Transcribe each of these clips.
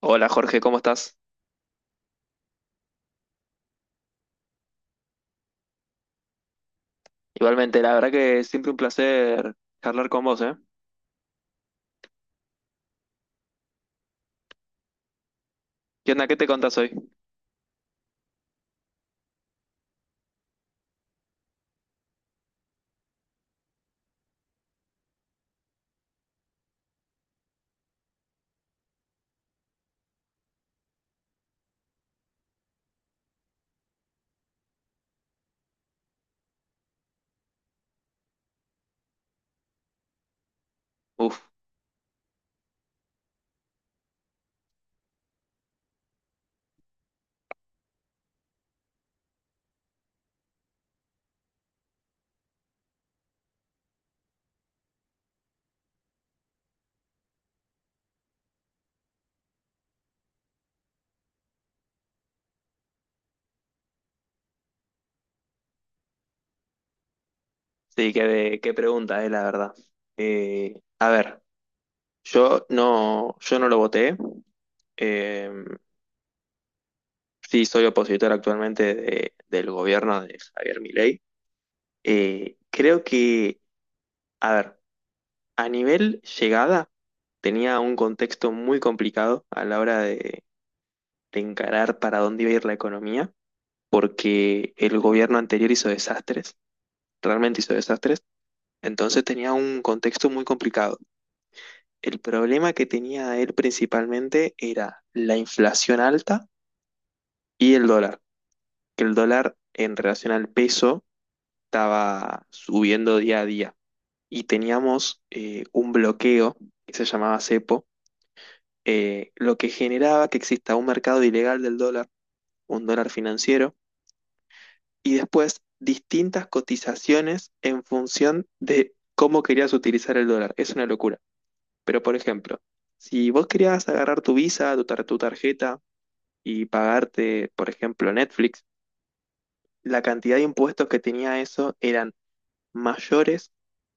Hola Jorge, ¿cómo estás? Igualmente, la verdad que siempre un placer charlar con vos, ¿eh? ¿Qué onda? ¿Qué te contás hoy? Uf, sí, qué pregunta, la verdad. A ver, yo no lo voté. Eh, sí, soy opositor actualmente del gobierno de Javier Milei. Creo que, a ver, a nivel llegada tenía un contexto muy complicado a la hora de encarar para dónde iba a ir la economía. Porque el gobierno anterior hizo desastres, realmente hizo desastres, entonces tenía un contexto muy complicado. El problema que tenía él principalmente era la inflación alta y el dólar, que el dólar en relación al peso estaba subiendo día a día y teníamos un bloqueo que se llamaba cepo, lo que generaba que exista un mercado ilegal del dólar, un dólar financiero y después distintas cotizaciones en función de cómo querías utilizar el dólar. Es una locura. Pero, por ejemplo, si vos querías agarrar tu Visa, tu tarjeta y pagarte, por ejemplo, Netflix, la cantidad de impuestos que tenía eso eran mayores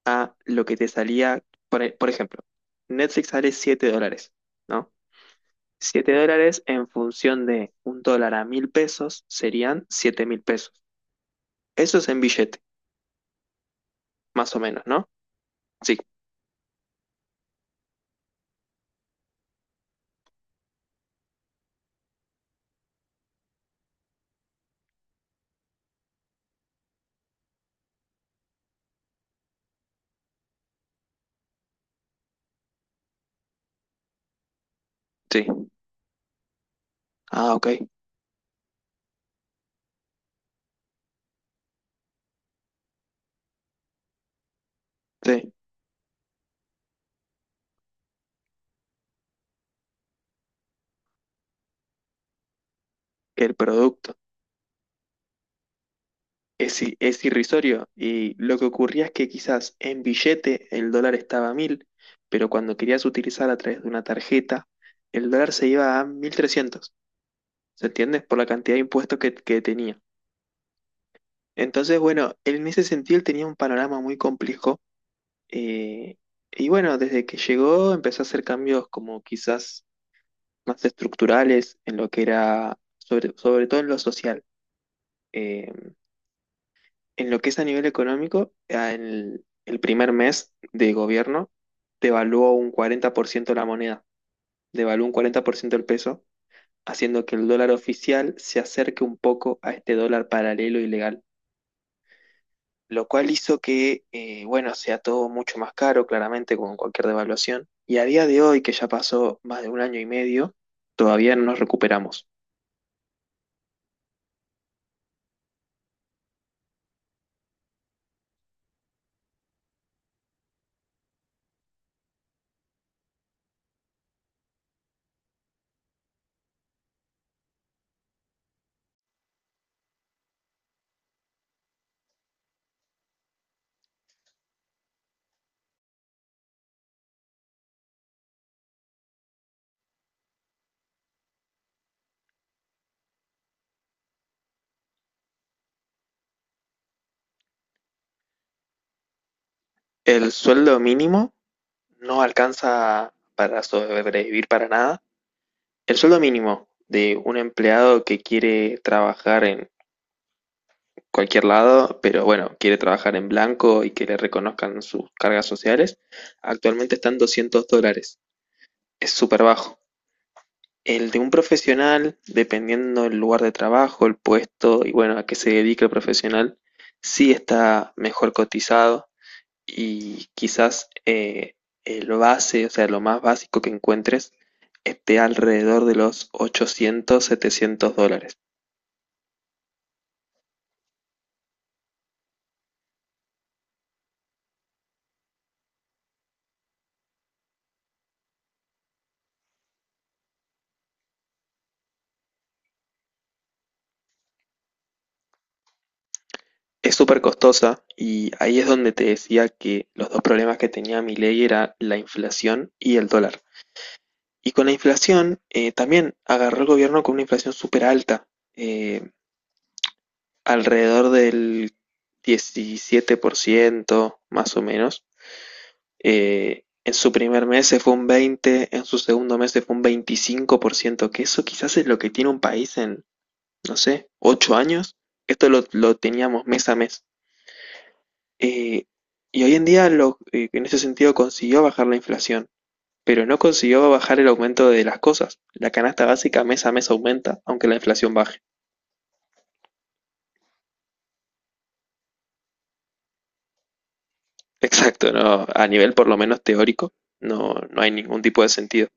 a lo que te salía, por ejemplo, Netflix sale 7 dólares, ¿no? 7 dólares en función de un dólar a 1000 pesos serían 7000 pesos. Eso es en billete, más o menos, ¿no? Sí. Sí, ah, ok, sí, que el producto es irrisorio y lo que ocurría es que quizás en billete el dólar estaba a 1000, pero cuando querías utilizar a través de una tarjeta, el dólar se iba a 1300. ¿Se entiende? Por la cantidad de impuestos que tenía. Entonces, bueno, en ese sentido él tenía un panorama muy complejo, eh, y bueno, desde que llegó empezó a hacer cambios como quizás más estructurales en lo que era, sobre todo en lo social. Eh, En lo que es a nivel económico, el primer mes de gobierno devaluó un 40% la moneda, devaluó un 40% el peso, haciendo que el dólar oficial se acerque un poco a este dólar paralelo ilegal, lo cual hizo que, bueno, sea todo mucho más caro, claramente, con cualquier devaluación. Y a día de hoy, que ya pasó más de un año y medio, todavía no nos recuperamos. El sueldo mínimo no alcanza para sobrevivir para nada. El sueldo mínimo de un empleado que quiere trabajar en cualquier lado, pero bueno, quiere trabajar en blanco y que le reconozcan sus cargas sociales, actualmente están 200 dólares. Es súper bajo. El de un profesional, dependiendo del lugar de trabajo, el puesto y bueno, a qué se dedica el profesional, sí está mejor cotizado y quizás el base, o sea, lo más básico que encuentres, esté alrededor de los 800, 700 dólares. Es súper costosa y ahí es donde te decía que los dos problemas que tenía Milei era la inflación y el dólar. Y con la inflación también agarró el gobierno con una inflación súper alta, eh, alrededor del 17% más o menos. En su primer mes se fue un 20%, en su segundo mes se fue un 25%, que eso quizás es lo que tiene un país en, no sé, 8 años. Esto lo teníamos mes a mes. Eh, y hoy en día en ese sentido consiguió bajar la inflación, pero no consiguió bajar el aumento de las cosas. La canasta básica mes a mes aumenta, aunque la inflación baje. Exacto, no, a nivel por lo menos teórico, no, no hay ningún tipo de sentido.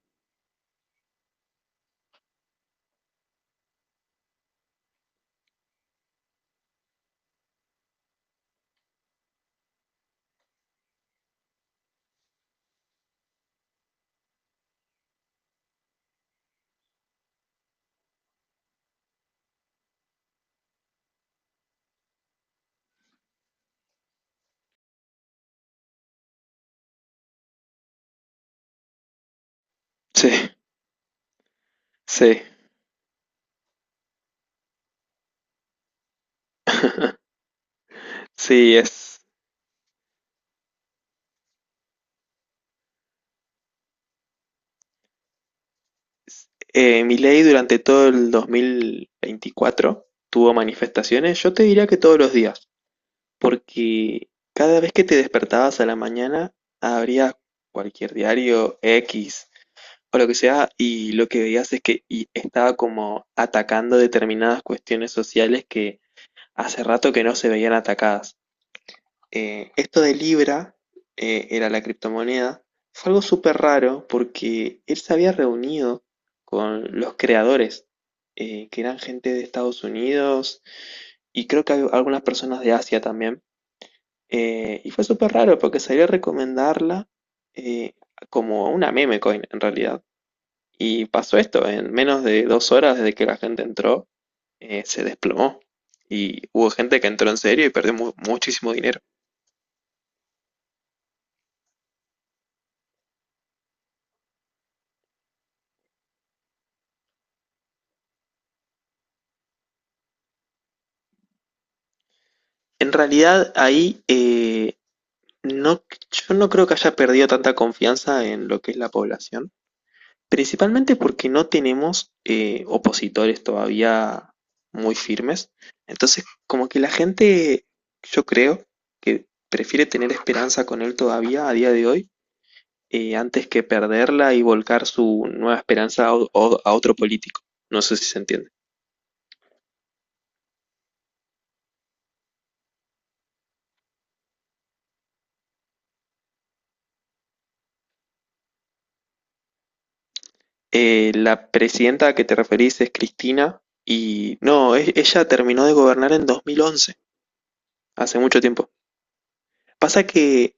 Sí, sí, sí, es- Milei durante todo el 2024 tuvo manifestaciones, yo te diría que todos los días, porque cada vez que te despertabas a la mañana, abrías cualquier diario X, o lo que sea, y lo que veías es que y estaba como atacando determinadas cuestiones sociales que hace rato que no se veían atacadas. Esto de Libra, era la criptomoneda, fue algo súper raro porque él se había reunido con los creadores, que eran gente de Estados Unidos y creo que hay algunas personas de Asia también. Y fue súper raro porque salió a recomendarla eh, como una meme coin en realidad. Y pasó esto, en menos de 2 horas desde que la gente entró, se desplomó. Y hubo gente que entró en serio y perdió muchísimo dinero. En realidad ahí no, yo no creo que haya perdido tanta confianza en lo que es la población, principalmente porque no tenemos opositores todavía muy firmes. Entonces, como que la gente, yo creo que prefiere tener esperanza con él todavía a día de hoy, antes que perderla y volcar su nueva esperanza a otro político. No sé si se entiende. La presidenta a que te referís es Cristina y no, ella terminó de gobernar en 2011, hace mucho tiempo. Pasa que,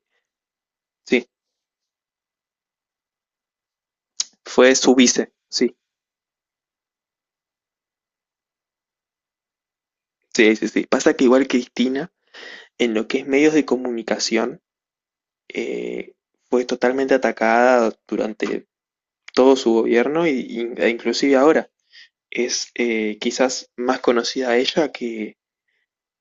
sí, fue su vice, sí, sí, sí, sí. Pasa que igual Cristina, en lo que es medios de comunicación, eh, fue totalmente atacada durante todo su gobierno e inclusive ahora. Es quizás más conocida ella que,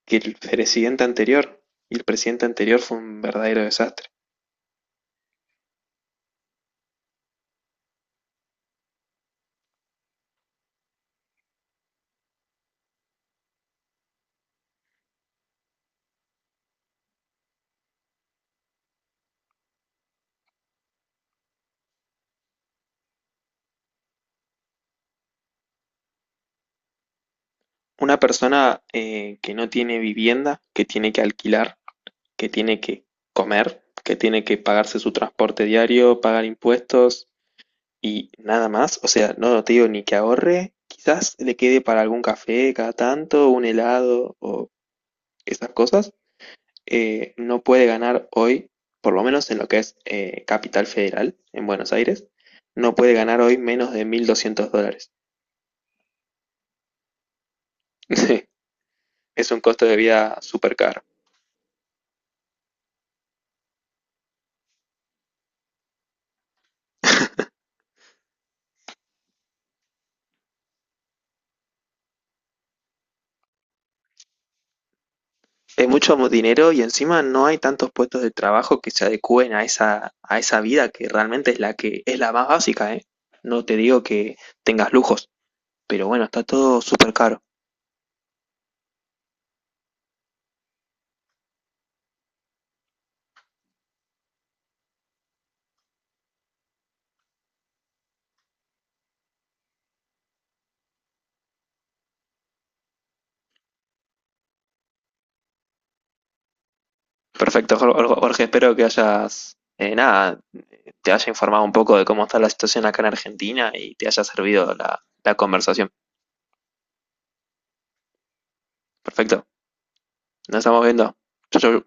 que el presidente anterior. Y el presidente anterior fue un verdadero desastre. Una persona, que no tiene vivienda, que tiene que alquilar, que tiene que comer, que tiene que pagarse su transporte diario, pagar impuestos y nada más. O sea, no te digo ni que ahorre, quizás le quede para algún café cada tanto, un helado o esas cosas. No puede ganar hoy, por lo menos en lo que es Capital Federal, en Buenos Aires, no puede ganar hoy menos de 1200 dólares. Sí. Es un costo de vida súper caro. Es mucho dinero y encima no hay tantos puestos de trabajo que se adecúen a esa vida que realmente es la que es la más básica, ¿eh? No te digo que tengas lujos, pero bueno, está todo súper caro. Perfecto, Jorge, espero que hayas, nada, te haya informado un poco de cómo está la situación acá en Argentina y te haya servido la conversación. Perfecto, nos estamos viendo. Chau, chau.